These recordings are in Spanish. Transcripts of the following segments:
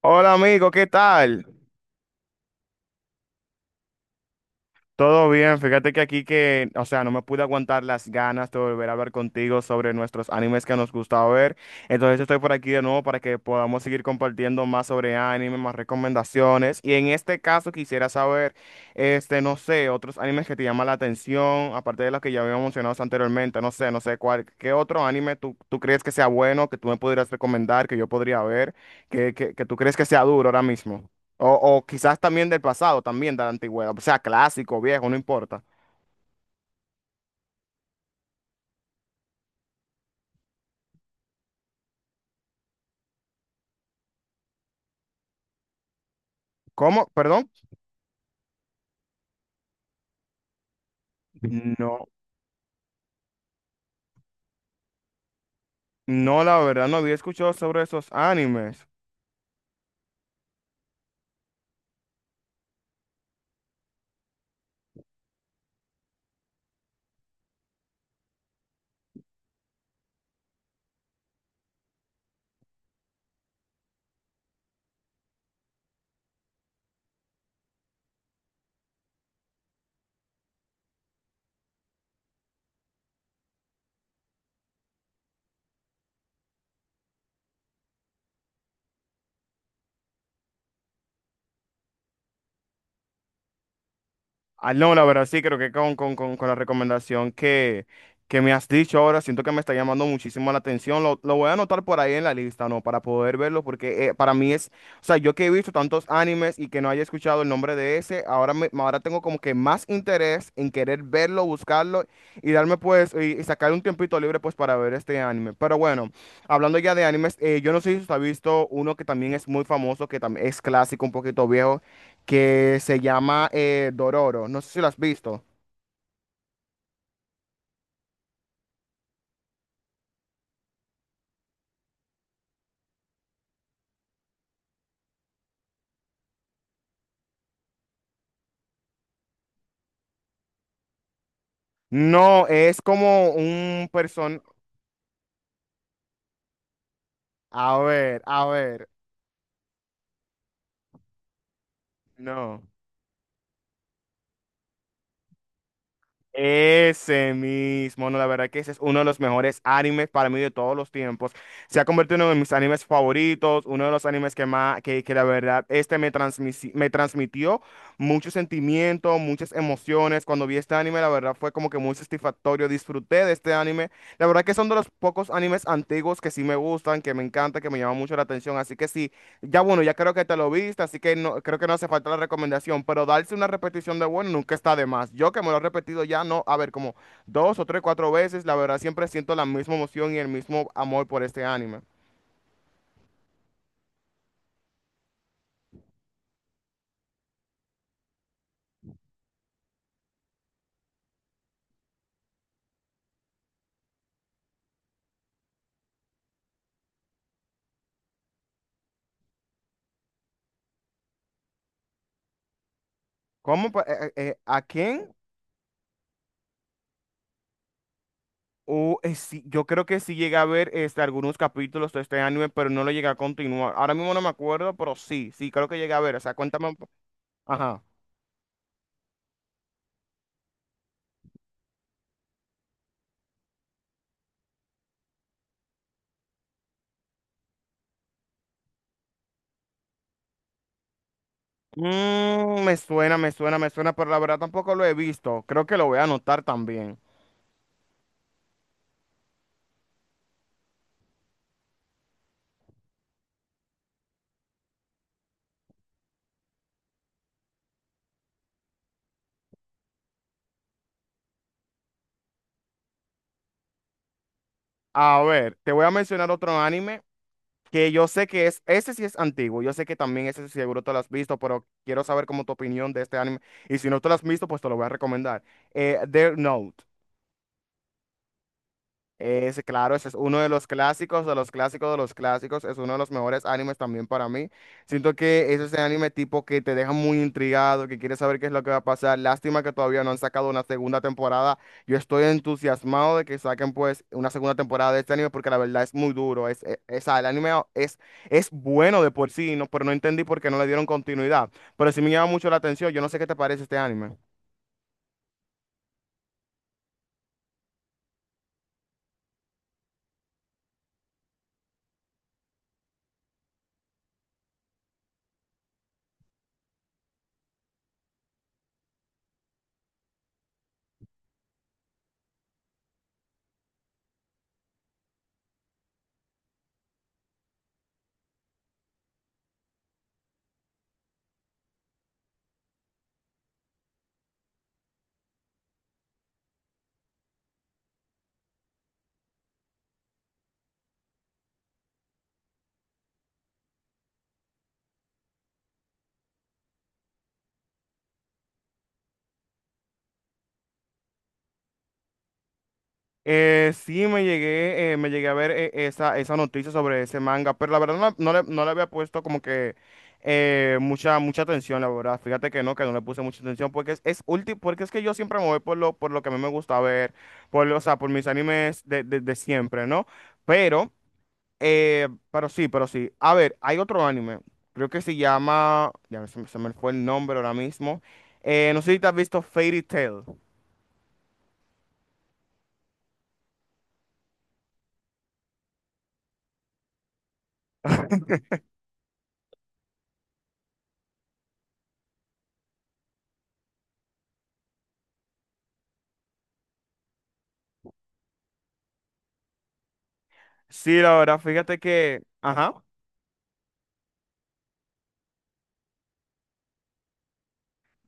Hola amigo, ¿qué tal? Todo bien, fíjate que aquí que, o sea, no me pude aguantar las ganas de volver a hablar contigo sobre nuestros animes que nos gusta ver. Entonces estoy por aquí de nuevo para que podamos seguir compartiendo más sobre anime, más recomendaciones. Y en este caso quisiera saber, no sé, otros animes que te llaman la atención, aparte de los que ya habíamos mencionado anteriormente, no sé, ¿qué otro anime tú crees que sea bueno, que tú me pudieras recomendar, que yo podría ver, que tú crees que sea duro ahora mismo? O, o quizás también del pasado, también de la antigüedad, o sea, clásico, viejo, no importa. ¿Cómo? Perdón. No, no, la verdad no había escuchado sobre esos animes. Ah, no, la verdad sí, creo que con la recomendación que me has dicho ahora, siento que me está llamando muchísimo la atención. Lo voy a anotar por ahí en la lista, ¿no? Para poder verlo, porque para mí es, o sea, yo que he visto tantos animes y que no haya escuchado el nombre de ese, ahora, ahora tengo como que más interés en querer verlo, buscarlo y darme pues, y sacar un tiempito libre pues para ver este anime. Pero bueno, hablando ya de animes, yo no sé si usted ha visto uno que también es muy famoso, que también es clásico, un poquito viejo que se llama Dororo. No sé si lo has visto. No, es como un person... A ver, a ver. No. Ese mismo, no, la verdad que ese es uno de los mejores animes para mí de todos los tiempos. Se ha convertido en uno de mis animes favoritos, uno de los animes que más, que la verdad, este me transmitió muchos sentimientos, muchas emociones. Cuando vi este anime, la verdad fue como que muy satisfactorio. Disfruté de este anime. La verdad que son de los pocos animes antiguos que sí me gustan, que me encanta, que me llaman mucho la atención. Así que sí. Ya bueno, ya creo que te lo viste, así que no, creo que no hace falta la recomendación, pero darse una repetición de bueno nunca está de más. Yo que me lo he repetido ya, no, a ver, como dos o tres, cuatro veces, la verdad siempre siento la misma emoción y el mismo amor por este anime. ¿Cómo? ¿A quién? O sí, yo creo que sí llegué a ver este, algunos capítulos de este anime, pero no lo llegué a continuar. Ahora mismo no me acuerdo, pero sí, sí, creo que llegué a ver. O sea, Ajá. Mm, me suena, pero la verdad tampoco lo he visto. Creo que lo voy a anotar también. A ver, te voy a mencionar otro anime que yo sé que es, ese sí es antiguo, yo sé que también ese seguro te lo has visto, pero quiero saber como tu opinión de este anime y si no te lo has visto, pues te lo voy a recomendar. Death Note. Ese, claro, ese es uno de los clásicos, de los clásicos. Es uno de los mejores animes también para mí. Siento que es ese anime tipo que te deja muy intrigado, que quieres saber qué es lo que va a pasar. Lástima que todavía no han sacado una segunda temporada. Yo estoy entusiasmado de que saquen pues una segunda temporada de este anime porque la verdad es muy duro. El anime es bueno de por sí, no, pero no entendí por qué no le dieron continuidad. Pero sí me llama mucho la atención. Yo no sé qué te parece este anime. Sí, me llegué a ver esa noticia sobre ese manga, pero la verdad no, no le había puesto como que mucha atención, la verdad. Fíjate que no le puse mucha atención, porque porque es que yo siempre me voy por lo que a mí me gusta ver, o sea, por mis animes de siempre, ¿no? Pero, pero sí. A ver, hay otro anime, creo que se llama, me se me fue el nombre ahora mismo. No sé si te has visto Fairy Tail. Sí, la verdad, fíjate que, ajá.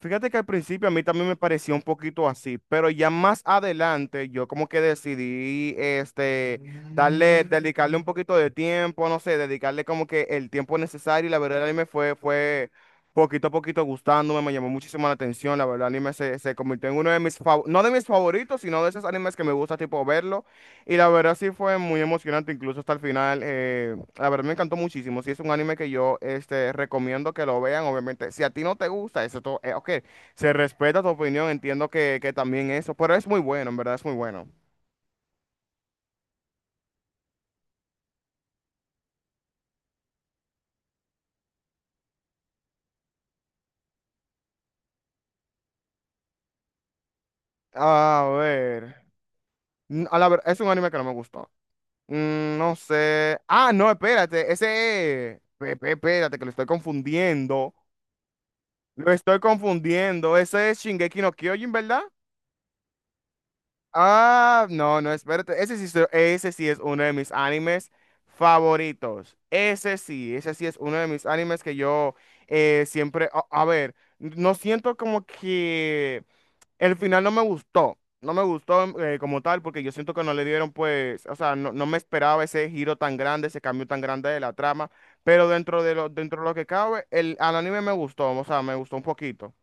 Fíjate que al principio a mí también me pareció un poquito así, pero ya más adelante yo como que decidí, dedicarle un poquito de tiempo, no sé, dedicarle como que el tiempo necesario y la verdad el mí me fue, fue poquito a poquito gustándome, me llamó muchísimo la atención, la verdad el anime se, se convirtió en uno de mis, no de mis favoritos, sino de esos animes que me gusta tipo verlo y la verdad sí fue muy emocionante incluso hasta el final. La verdad me encantó muchísimo. Sí, es un anime que yo recomiendo que lo vean. Obviamente, si a ti no te gusta, eso todo, ok, se respeta tu opinión, entiendo que también eso, pero es muy bueno, en verdad es muy bueno. A ver, es un anime que no me gustó. Mm, no sé. Ah, no, espérate, ese es- pe- pe- espérate, que lo estoy confundiendo. Lo estoy confundiendo. Ese es Shingeki no Kyojin, ¿verdad? Ah, no, no, espérate. Ese sí es uno de mis animes favoritos. Ese sí es uno de mis animes que yo siempre, a ver, no siento como que el final no me gustó. No me gustó mm, como tal porque yo siento que no le dieron pues, o sea, no, no me esperaba ese giro tan grande, ese cambio tan grande de la trama, pero dentro de lo que cabe, el, al anime me gustó, o sea, me gustó un poquito.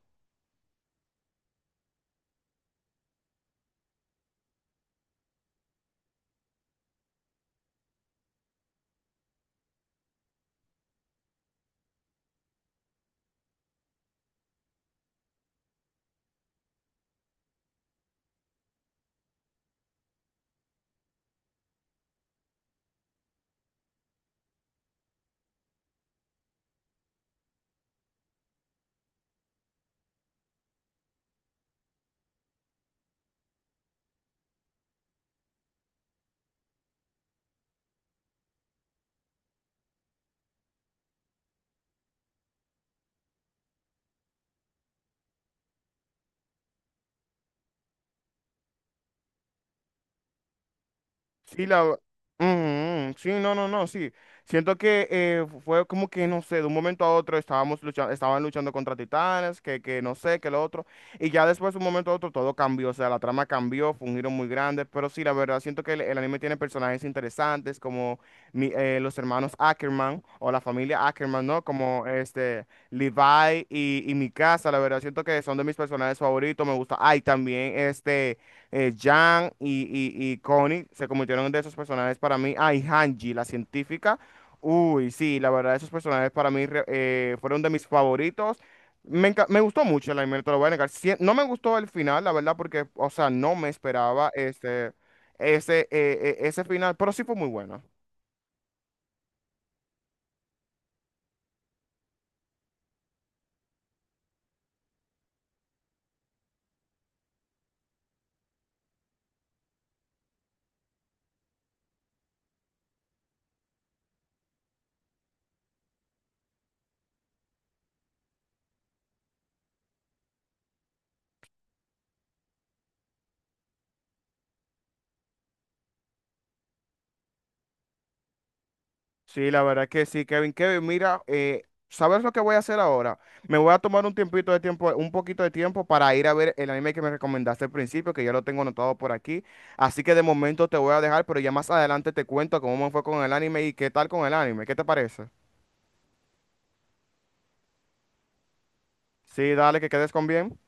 Sí, la... Ujú, sí, no, no, no, sí. Siento que fue como que, no sé, de un momento a otro estábamos luchando, estaban luchando contra titanes, que no sé, que lo otro. Y ya después, de un momento a otro, todo cambió. O sea, la trama cambió, fue un giro muy grande. Pero sí, la verdad, siento que el anime tiene personajes interesantes como los hermanos Ackerman o la familia Ackerman, ¿no? Como este Levi y Mikasa, la verdad, siento que son de mis personajes favoritos. Me gusta. Ay, también este Jan y Connie se convirtieron en de esos personajes para mí. Ah, y Hanji, la científica. Uy, sí, la verdad, esos personajes para mí fueron de mis favoritos. Me gustó mucho el anime, no te lo voy a negar. Sí, no me gustó el final, la verdad, porque, o sea, no me esperaba ese final, pero sí fue muy bueno. Sí, la verdad que sí, Kevin. Kevin, mira, ¿sabes lo que voy a hacer ahora? Me voy a tomar un tiempito de tiempo, un poquito de tiempo para ir a ver el anime que me recomendaste al principio, que ya lo tengo anotado por aquí. Así que de momento te voy a dejar, pero ya más adelante te cuento cómo me fue con el anime y qué tal con el anime. ¿Qué te parece? Sí, dale, que quedes con bien.